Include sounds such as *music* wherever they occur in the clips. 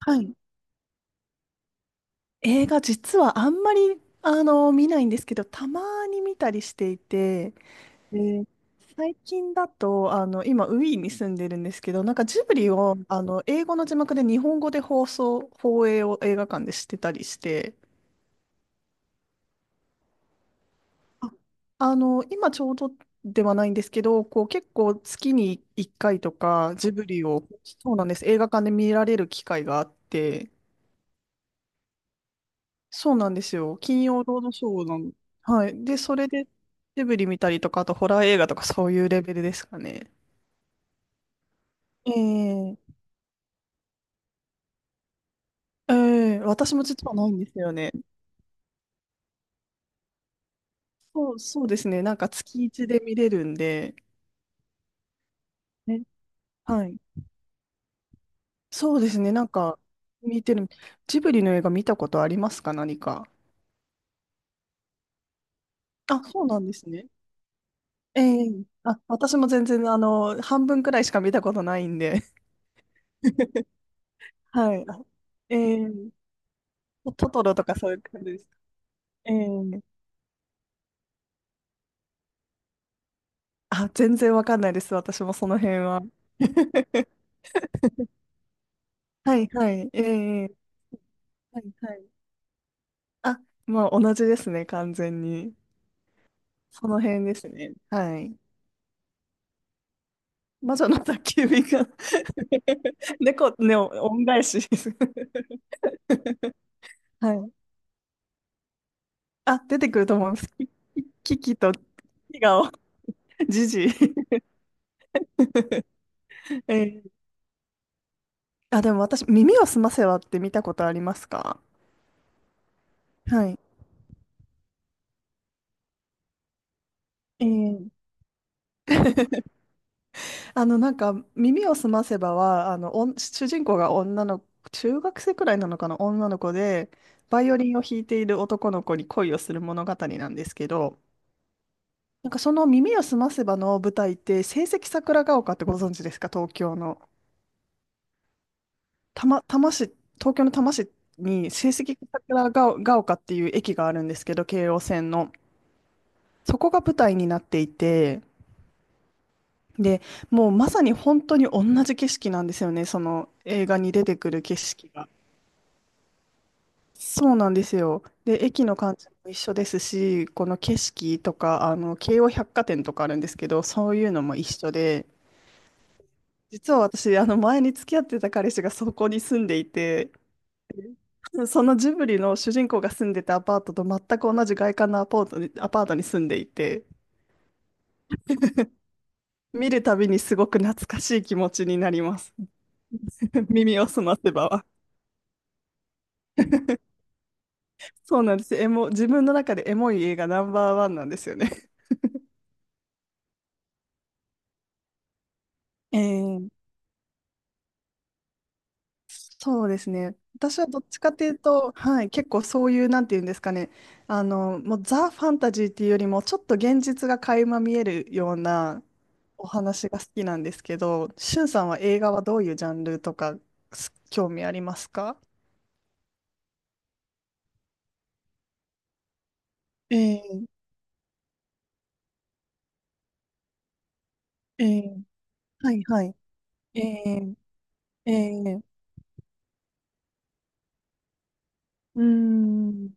はい。映画、実はあんまり、見ないんですけど、たまに見たりしていて、えー、最近だと、今、ウィーンに住んでるんですけど、なんかジブリを、英語の字幕で日本語で放映を映画館でしてたりして、あ、今ちょうどではないんですけど、こう結構月に1回とかジブリを、そうなんです、映画館で見られる機会があって、そうなんですよ。金曜ロードショーなの。はい。で、それで、ジブリ見たりとか、あとホラー映画とかそういうレベルですかね。ええええ、私も実はないんですよね。そうですね。なんか月一で見れるんで、ね、はい。そうですね。なんか、見てる。ジブリの映画見たことありますか、何か？あ、そうなんですね。ええ、あ、私も全然、半分くらいしか見たことないんで。*laughs* はい。*laughs* あええ、トトロとかそういう感じです。ええ、あ、全然わかんないです。私もその辺は。*laughs* はいはい。ええええ、はいはい。あ、まあ同じですね、完全に。その辺ですね。はい。魔女の宅急便が *laughs* 猫ね、恩返しです。*laughs* はい。あ、出てくると思います。キキとキガオ、ジジイ。*laughs* ええ、あ、でも私、耳をすませばって見たことありますか？はい。ええ *laughs* なんか、耳をすませばは、主人公が女の、中学生くらいなのかな、女の子で、バイオリンを弾いている男の子に恋をする物語なんですけど、なんかその耳をすませばの舞台って、成績桜ヶ丘ってご存知ですか、東京の。多摩市、東京の多摩市に成績桜ヶ丘っていう駅があるんですけど、京王線の。そこが舞台になっていて、で、もうまさに本当に同じ景色なんですよね、その映画に出てくる景色が。そうなんですよ。で、駅の感じも一緒ですし、この景色とか、京王百貨店とかあるんですけど、そういうのも一緒で、実は私、前に付き合ってた彼氏がそこに住んでいて、*laughs* そのジブリの主人公が住んでたアパートと全く同じ外観のアパートに住んでいて、見るたびにすごく懐かしい気持ちになります。*laughs* 耳を澄ませばは。そうなんです。自分の中でエモい映画ナンバーワンなんですよね。ええ、そうですね。私はどっちかというと、はい、結構そういう、なんていうんですかね、もうザ・ファンタジーっていうよりも、ちょっと現実が垣間見えるようなお話が好きなんですけど、しゅんさんは映画はどういうジャンルとか、興味ありますか？ええええ、はいはい。ええええ、うーん、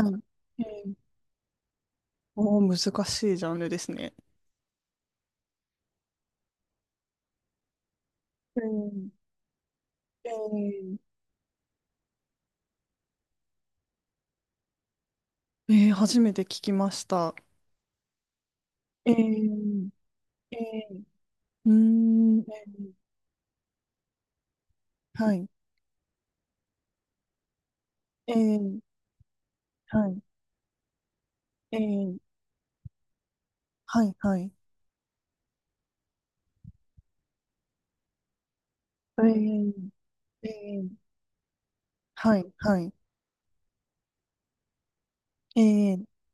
はい。ええ、おー、難しいジャンルですね。ええええええ、初めて聞きました。ええええ、うーん、ええ、はい、ええ、はい、ええ、はい、はい、ええええ、はい、はい、ええ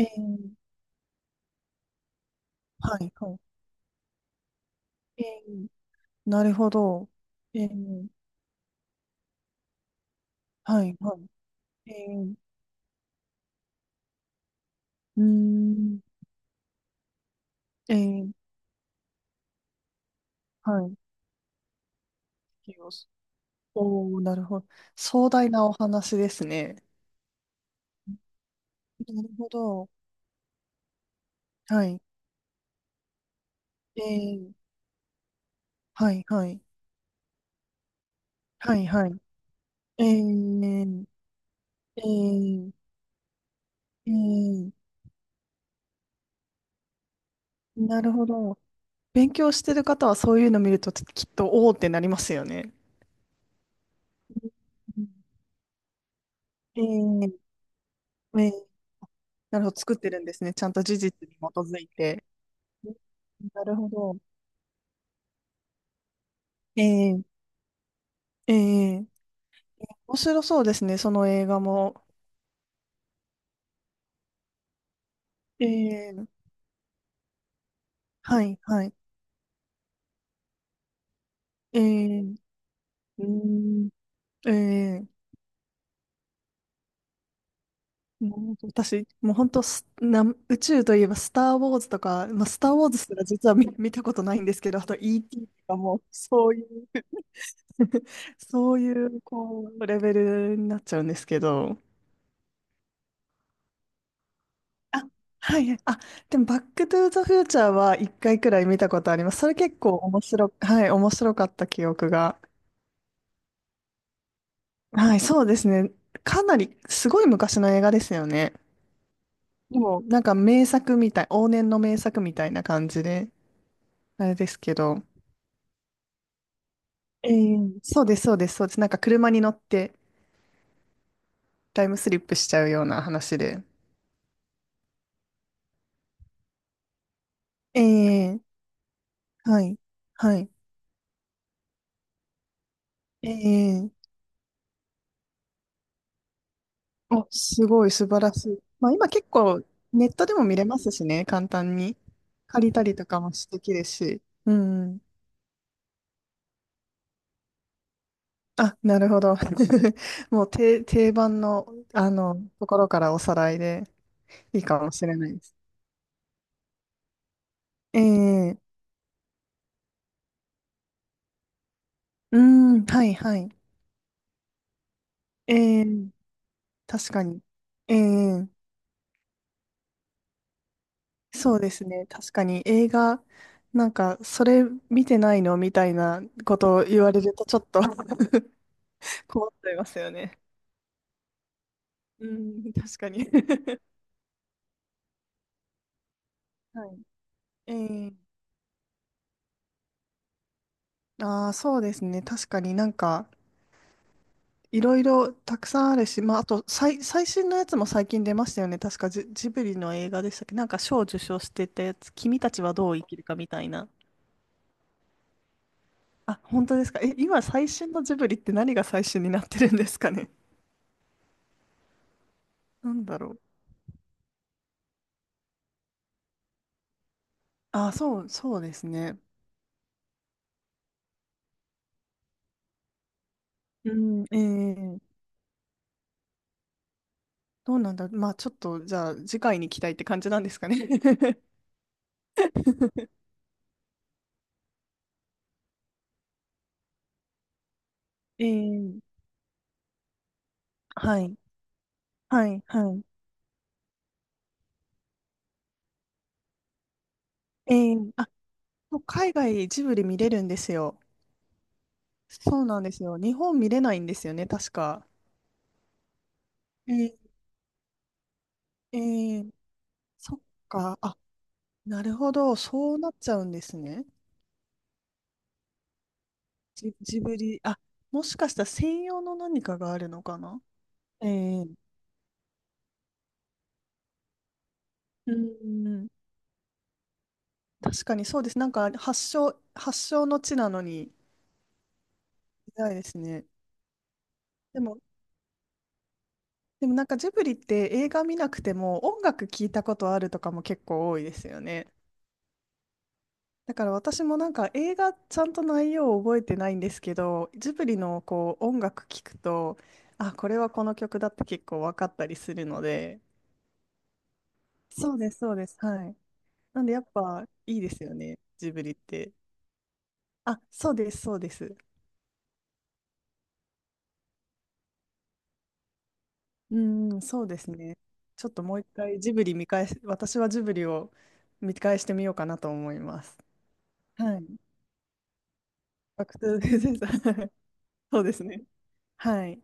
ええ、はい、はい、ええ、なるほど、ええ、はい、はい、ええ、うーん、ええ、はい、おおー、なるほど。壮大なお話ですね。なるほど、はい、ええ、はい、はい、はい、はい、ええええええ、なるほど。勉強してる方はそういうの見るときっとおおってなりますよね。えー、えーなるほど、作ってるんですね。ちゃんと事実に基づいて。うん、なるほど。えー、えー、面白そうですね、その映画も。えー、はい、はい。えー、うーん、えー、もう私、もう本当宇宙といえばスター・ウォーズとか、まあ、スター・ウォーズすら実は見たことないんですけど、あと ET とかもうそういう *laughs* そういう、こう、レベルになっちゃうんですけど。あ、はいはい。あ、でも、バックトゥーザフューチャーは一回くらい見たことあります。それ結構はい、面白かった記憶が。はい、そうですね。かなり、すごい昔の映画ですよね。でも、なんか名作みたい、往年の名作みたいな感じで、あれですけど。ええ、そうです、そうです、そうです。なんか車に乗ってタイムスリップしちゃうような話で。ええ、はい、はい。ええ、お、すごい素晴らしい。まあ今結構ネットでも見れますしね、簡単に。借りたりとかも素敵きですし。うん。あ、なるほど。*laughs* もう定番の、ところからおさらいでいいかもしれないです。ええ、うん、はいはい。ええ、確かに。ええ、そうですね。確かに映画、なんか、それ見てないのみたいなことを言われるとちょっと *laughs* 困っちゃいますよね。うん、確かに *laughs* はい。ええ、ああ、そうですね。確かになんか、いろいろたくさんあるし、まあ、あと、最新のやつも最近出ましたよね。確かジブリの映画でしたっけ？なんか賞を受賞してたやつ、君たちはどう生きるかみたいな。あ、本当ですか？今最新のジブリって何が最新になってるんですかね？ *laughs* なんだろう。ああ、そう、そうですね。うん、ええ、どうなんだ。まあ、ちょっと、じゃあ、次回に期待って感じなんですかね。*laughs* ええ、はい。はい、はい。あ、そう海外ジブリ見れるんですよ。そうなんですよ。日本見れないんですよね、確か。えー、えーそっか。あ、なるほど。そうなっちゃうんですね。ジブリ。あ、もしかしたら専用の何かがあるのかな？ええ、うん。確かにそうです。なんか発祥の地なのに、いないですね。でも、でもなんかジブリって映画見なくても音楽聞いたことあるとかも結構多いですよね。だから私もなんか映画ちゃんと内容を覚えてないんですけど、ジブリのこう音楽聴くと、あ、これはこの曲だって結構分かったりするので、そうです、そうです。はい。なんでやっぱいいですよね、ジブリって。あ、そうです、そうです。うん、そうですね。ちょっともう一回ジブリ見返し、私はジブリを見返してみようかなと思います。はい。バックトゥーザフューチャー *laughs* そうですね。はい。